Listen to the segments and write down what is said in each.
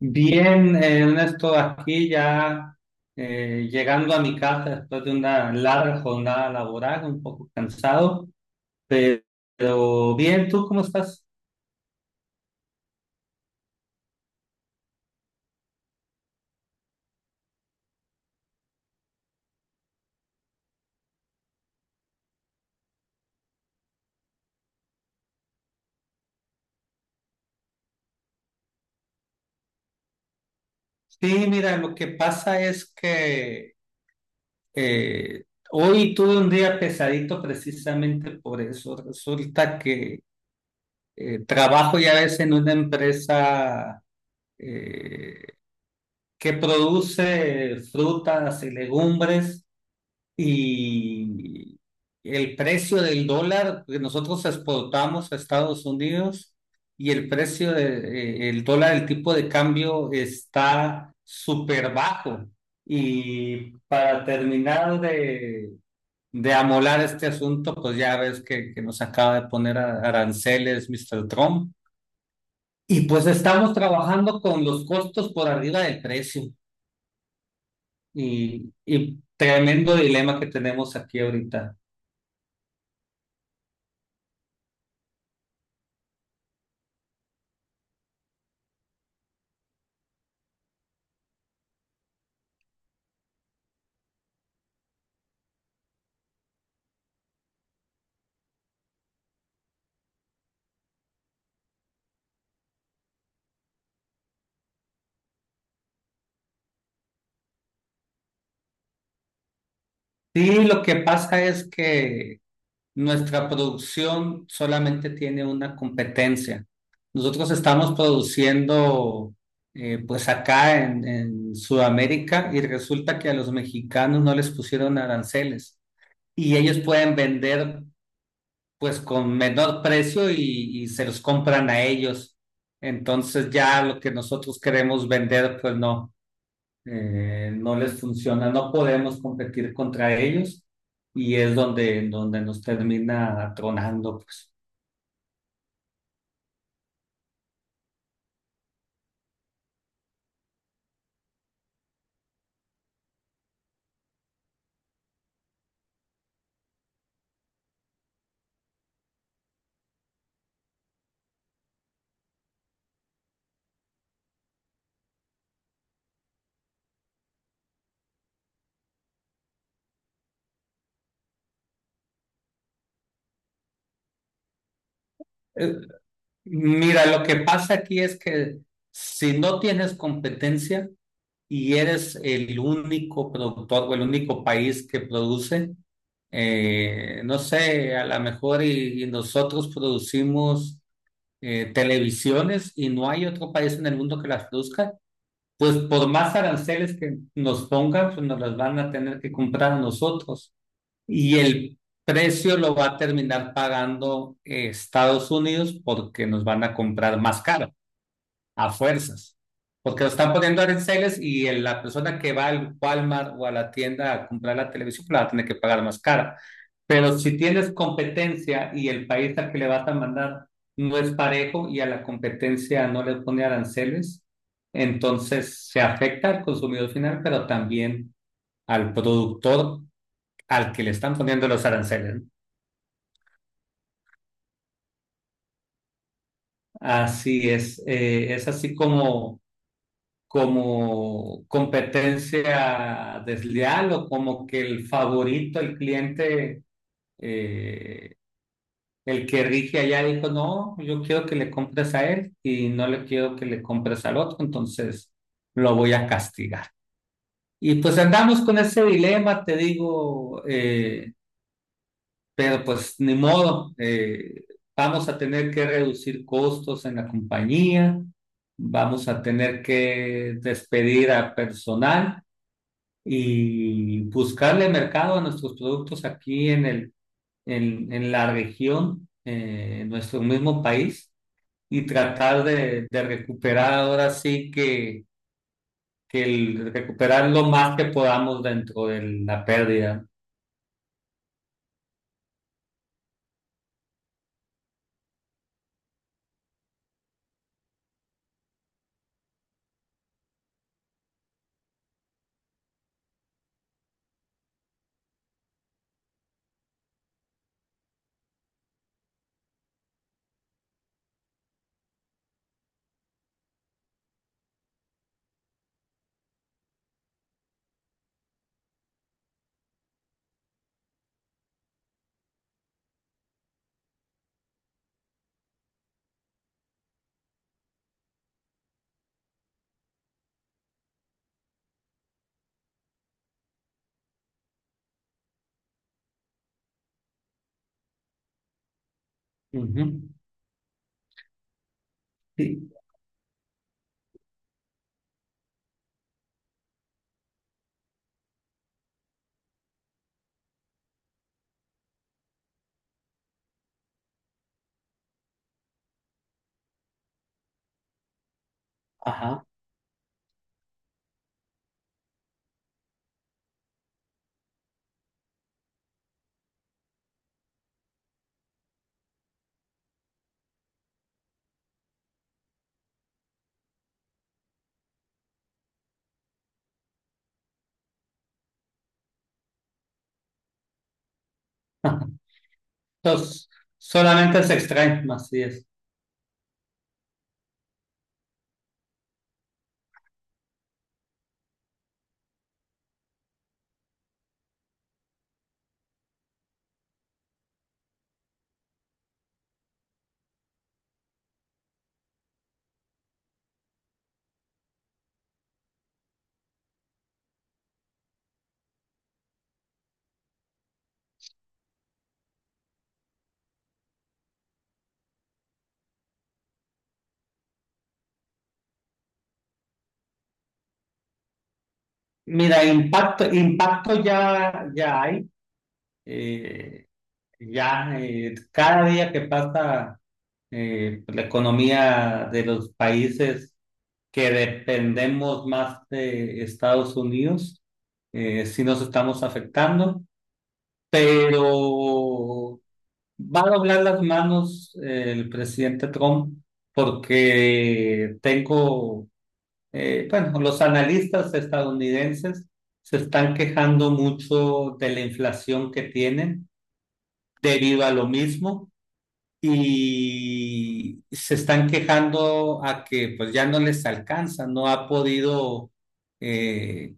Bien, Ernesto, aquí ya llegando a mi casa después de una larga jornada laboral, un poco cansado, pe- pero bien, ¿tú cómo estás? Sí, mira, lo que pasa es que eh, hoy tuve un día pesadito precisamente por eso. Resulta que trabajo ya ves en una empresa eh, que produce frutas y legumbres. Y el precio del dólar que nosotros exportamos a Estados Unidos y el precio del dólar, el tipo de cambio está súper bajo. Y para terminar de amolar este asunto, pues ya ves que nos acaba de poner aranceles, Mister Trump. Y pues estamos trabajando con los costos por arriba del precio. Y tremendo dilema que tenemos aquí ahorita. Sí, lo que pasa es que nuestra producción solamente tiene una competencia. Nosotros estamos produciendo pues acá en Sudamérica, y resulta que a los mexicanos no les pusieron aranceles y ellos pueden vender pues con menor precio y se los compran a ellos. Entonces ya lo que nosotros queremos vender pues no no les funciona, no podemos competir contra ellos y es donde nos termina tronando, pues. Eh, Mira, lo que pasa aquí es que si no tienes competencia y eres el único productor o el único país que produce, no sé, a lo mejor y nosotros producimos televisiones y no hay otro país en el mundo que las produzca. Pues por más aranceles que nos pongan, pues nos las van a tener que comprar a nosotros. Y el precio lo va a terminar pagando Estados Unidos, porque nos van a comprar más caro a fuerzas, porque lo están poniendo aranceles y la persona que va al Walmart o a la tienda a comprar la televisión pues la va a tener que pagar más cara. Pero si tienes competencia y el país al que le vas a mandar no es parejo y a la competencia no le pone aranceles, entonces se afecta al consumidor final, pero también al productor al que le están poniendo los aranceles, ¿no? Así es así como como competencia desleal, o como que el favorito, el cliente, eh, el que rige allá dijo: no, yo quiero que le compres a él y no le quiero que le compres al otro, entonces lo voy a castigar. Y pues andamos con ese dilema, te digo, pero pues ni modo, vamos a tener que reducir costos en la compañía, vamos a tener que despedir a personal y buscarle mercado a nuestros productos aquí en el, en la región, en nuestro mismo país, y tratar de recuperar, ahora sí que el, recuperar lo más que podamos dentro de la pérdida. Ujú. Sí, ajá. Entonces, solamente se extraen, así es. Mira, impacto, impacto ya, ya hay. eh, ya cada día que pasa la economía de los países que dependemos más de Estados Unidos, sí nos estamos afectando, pero va a doblar las manos el presidente Trump, porque tengo, bueno, los analistas estadounidenses se están quejando mucho de la inflación que tienen debido a lo mismo, y se están quejando a que pues ya no les alcanza, no ha podido eh,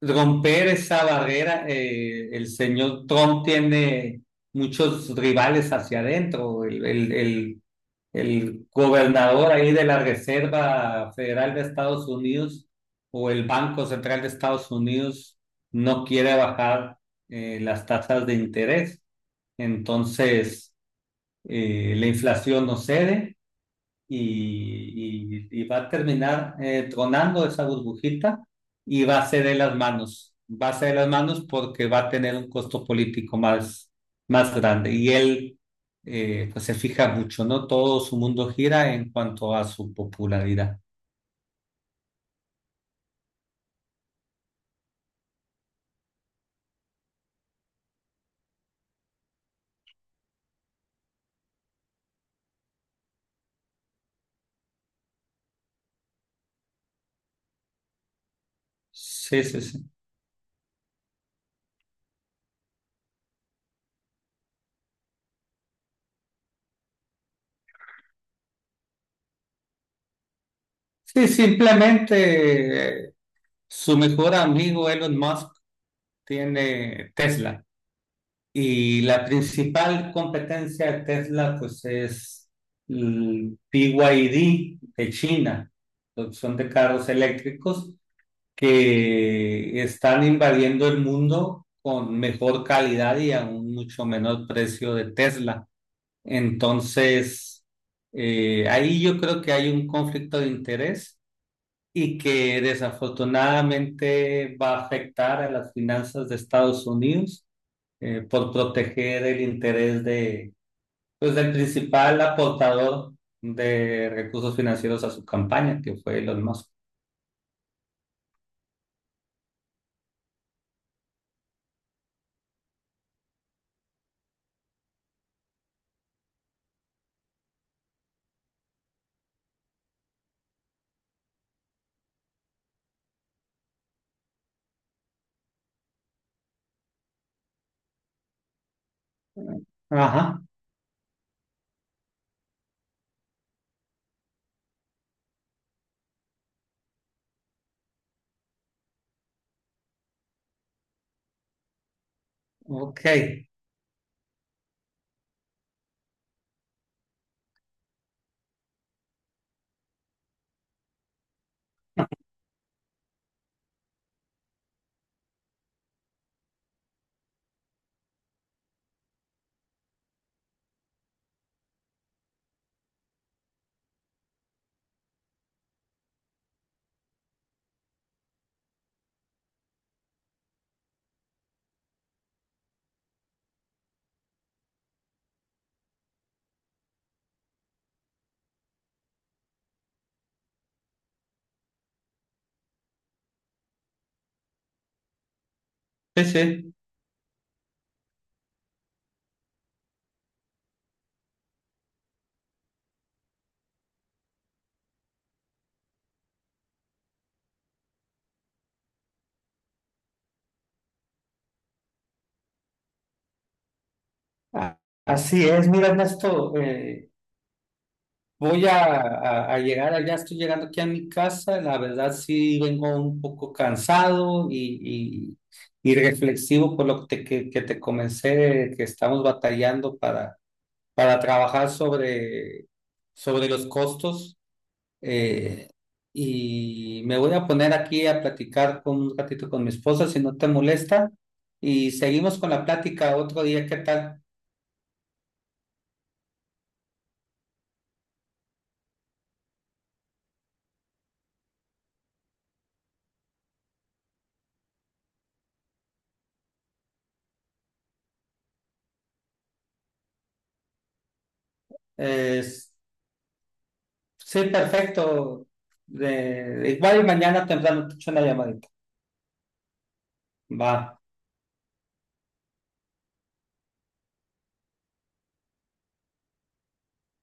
romper esa barrera. El señor Trump tiene muchos rivales hacia adentro, el gobernador ahí de la Reserva Federal de Estados Unidos o el Banco Central de Estados Unidos no quiere bajar las tasas de interés. Entonces, la inflación no cede y va a terminar tronando esa burbujita, y va a ceder las manos, va a ceder las manos, porque va a tener un costo político más grande. Y él pues se fija mucho, ¿no? Todo su mundo gira en cuanto a su popularidad. Sí, sí, sí. Sí, simplemente su mejor amigo Elon Musk tiene Tesla. Y la principal competencia de Tesla, pues es el BYD de China, producción de carros eléctricos que están invadiendo el mundo con mejor calidad y a un mucho menor precio de Tesla. Entonces, ahí yo creo que hay un conflicto de interés y que desafortunadamente va a afectar a las finanzas de Estados Unidos por proteger el interés de, pues, del principal aportador de recursos financieros a su campaña, que fue Elon Musk. Ajá, ok. Sí, sí. A- Así es, mira, Ernesto, voy a, a llegar allá, estoy llegando aquí a mi casa, la verdad sí vengo un poco cansado y reflexivo por lo que te, que te comencé, que estamos batallando para trabajar sobre, sobre los costos. Eh, y me voy a poner aquí a platicar con un ratito con mi esposa, si no te molesta. Y seguimos con la plática otro día, ¿qué tal? Eh, sí, perfecto. De- igual y mañana temprano te echo una llamadita. Va.